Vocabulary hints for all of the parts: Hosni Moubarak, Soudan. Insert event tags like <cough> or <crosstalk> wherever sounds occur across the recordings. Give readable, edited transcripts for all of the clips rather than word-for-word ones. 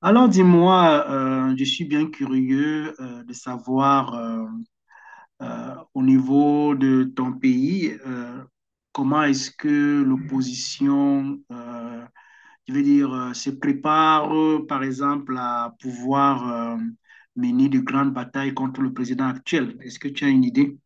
Alors dis-moi, je suis bien curieux de savoir au niveau de ton pays, comment est-ce que l'opposition, je veux dire, se prépare par exemple à pouvoir mener de grandes batailles contre le président actuel. Est-ce que tu as une idée?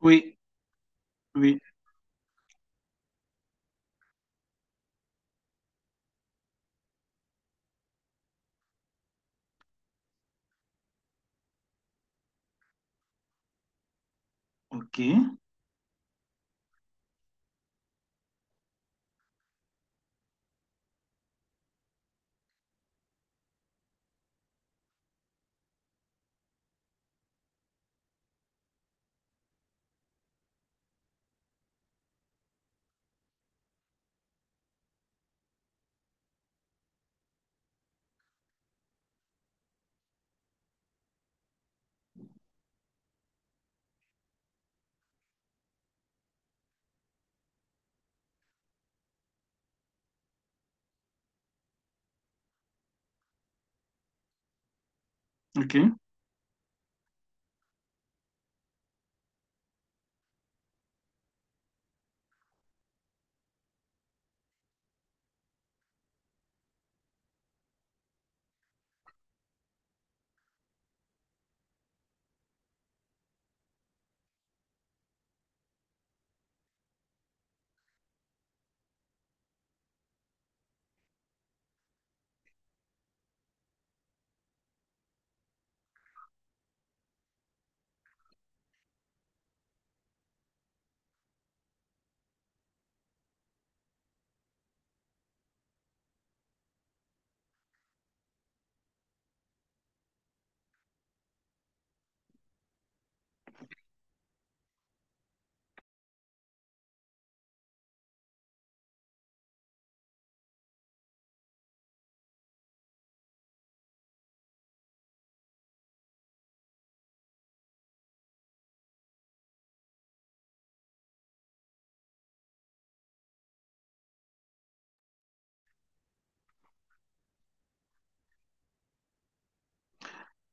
Oui, oui, ok, ok.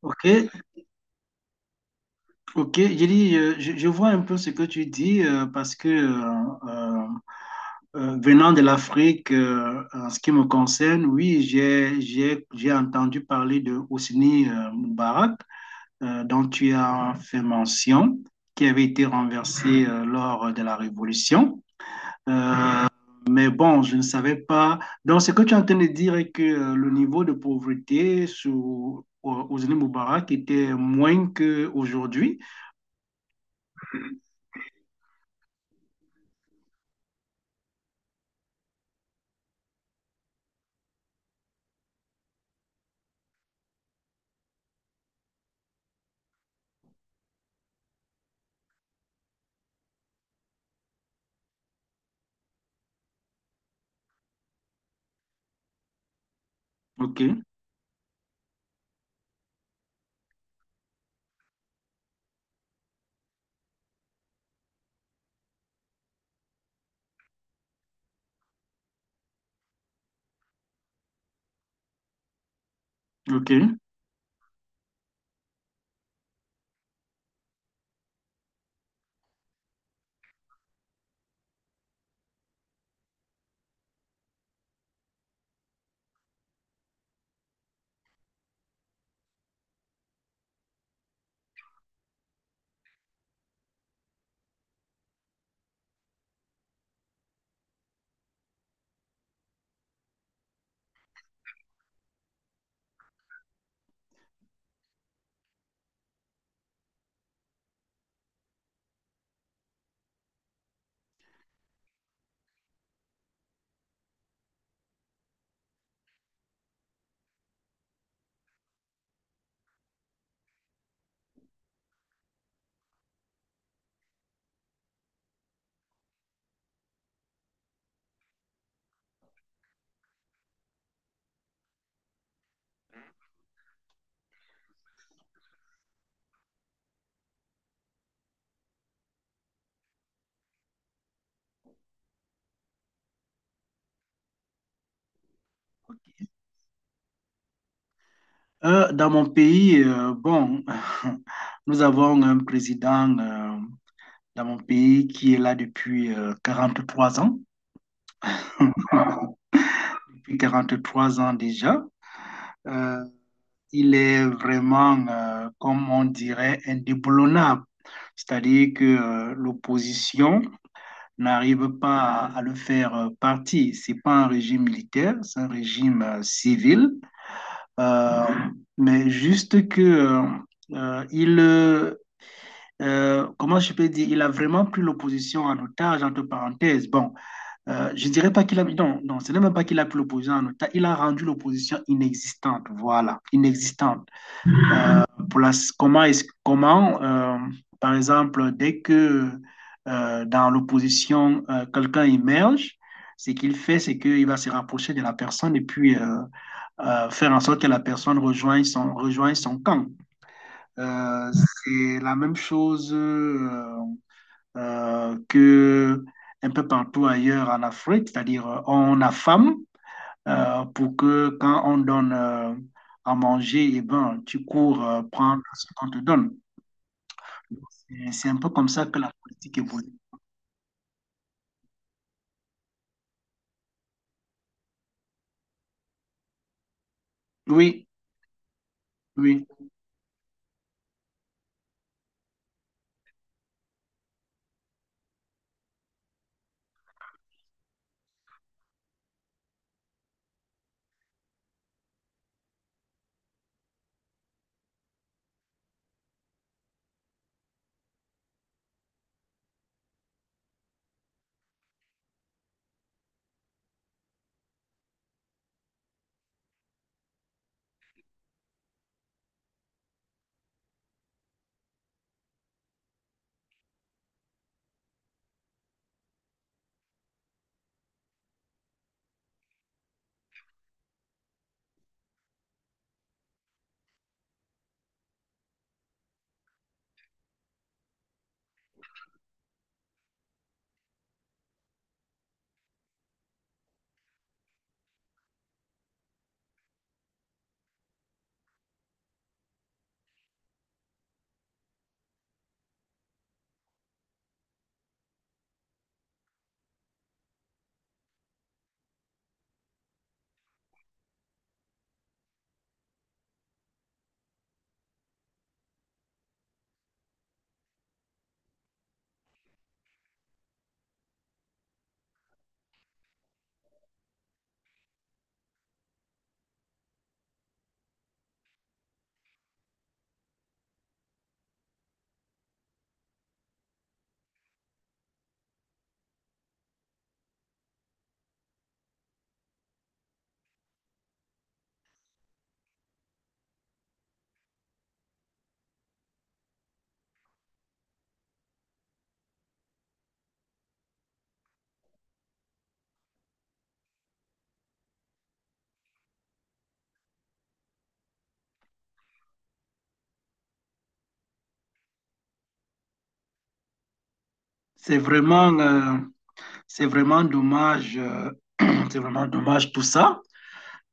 Ok, ok, j'ai dit, je vois un peu ce que tu dis parce que venant de l'Afrique, en ce qui me concerne, oui, j'ai entendu parler de Hosni Moubarak, dont tu as fait mention, qui avait été renversé lors de la Révolution. Euh, mais bon, je ne savais pas. Donc, ce que tu es en train de dire est que le niveau de pauvreté sous Hosni Moubarak était moins qu'aujourd'hui. OK, OK. Dans mon pays, bon, <laughs> nous avons un président dans mon pays qui est là depuis 3 ans, <laughs> depuis 43 ans déjà. Euh, il est vraiment, comme on dirait, indéboulonnable. C'est-à-dire que l'opposition n'arrive pas à le faire partie. C'est pas un régime militaire, c'est un régime civil. Euh, mais juste que il comment je peux dire, il a vraiment pris l'opposition en otage, entre parenthèses. Bon, je dirais pas qu'il a, non, non, ce n'est même pas qu'il a pris l'opposition en otage, il a rendu l'opposition inexistante, voilà, inexistante. Euh, pour la, comment est-ce, comment, par exemple, dès que dans l'opposition, quelqu'un émerge, ce qu'il fait, c'est qu'il va se rapprocher de la personne et puis faire en sorte que la personne rejoigne son camp. C'est la même chose, que un peu partout ailleurs en Afrique, c'est-à-dire on affame pour que quand on donne à manger, eh ben, tu cours prendre ce qu'on te donne. Et c'est un peu comme ça que la politique évolue. Oui, oui, c'est vraiment, euh, c'est vraiment dommage, <clears throat> c'est vraiment dommage tout ça,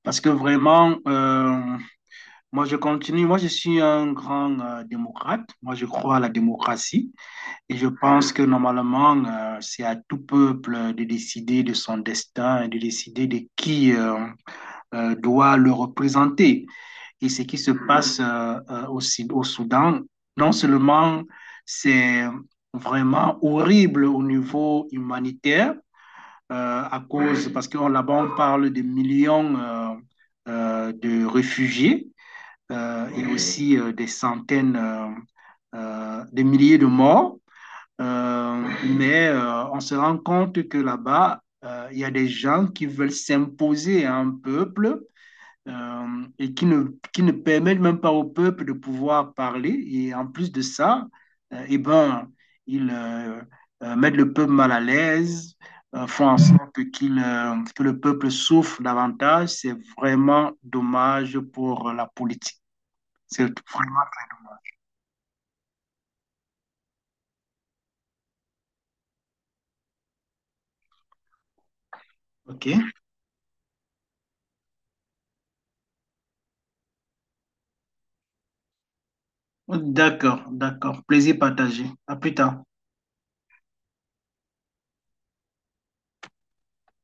parce que vraiment, moi je continue, moi je suis un grand démocrate, moi je crois à la démocratie. Et je pense que normalement, c'est à tout peuple de décider de son destin et de décider de qui doit le représenter. Et ce qui se passe au, au Soudan, non seulement c'est vraiment horrible au niveau humanitaire, à cause, parce que là-bas, on parle de millions de réfugiés et aussi des centaines, des milliers de morts. Mais on se rend compte que là-bas, il y a des gens qui veulent s'imposer à un peuple et qui ne permettent même pas au peuple de pouvoir parler. Et en plus de ça, eh ben, ils mettent le peuple mal à l'aise, font en sorte qu'il, que le peuple souffre davantage. C'est vraiment dommage pour la politique. C'est vraiment... OK. D'accord, d'accord. Plaisir partagé. À plus tard.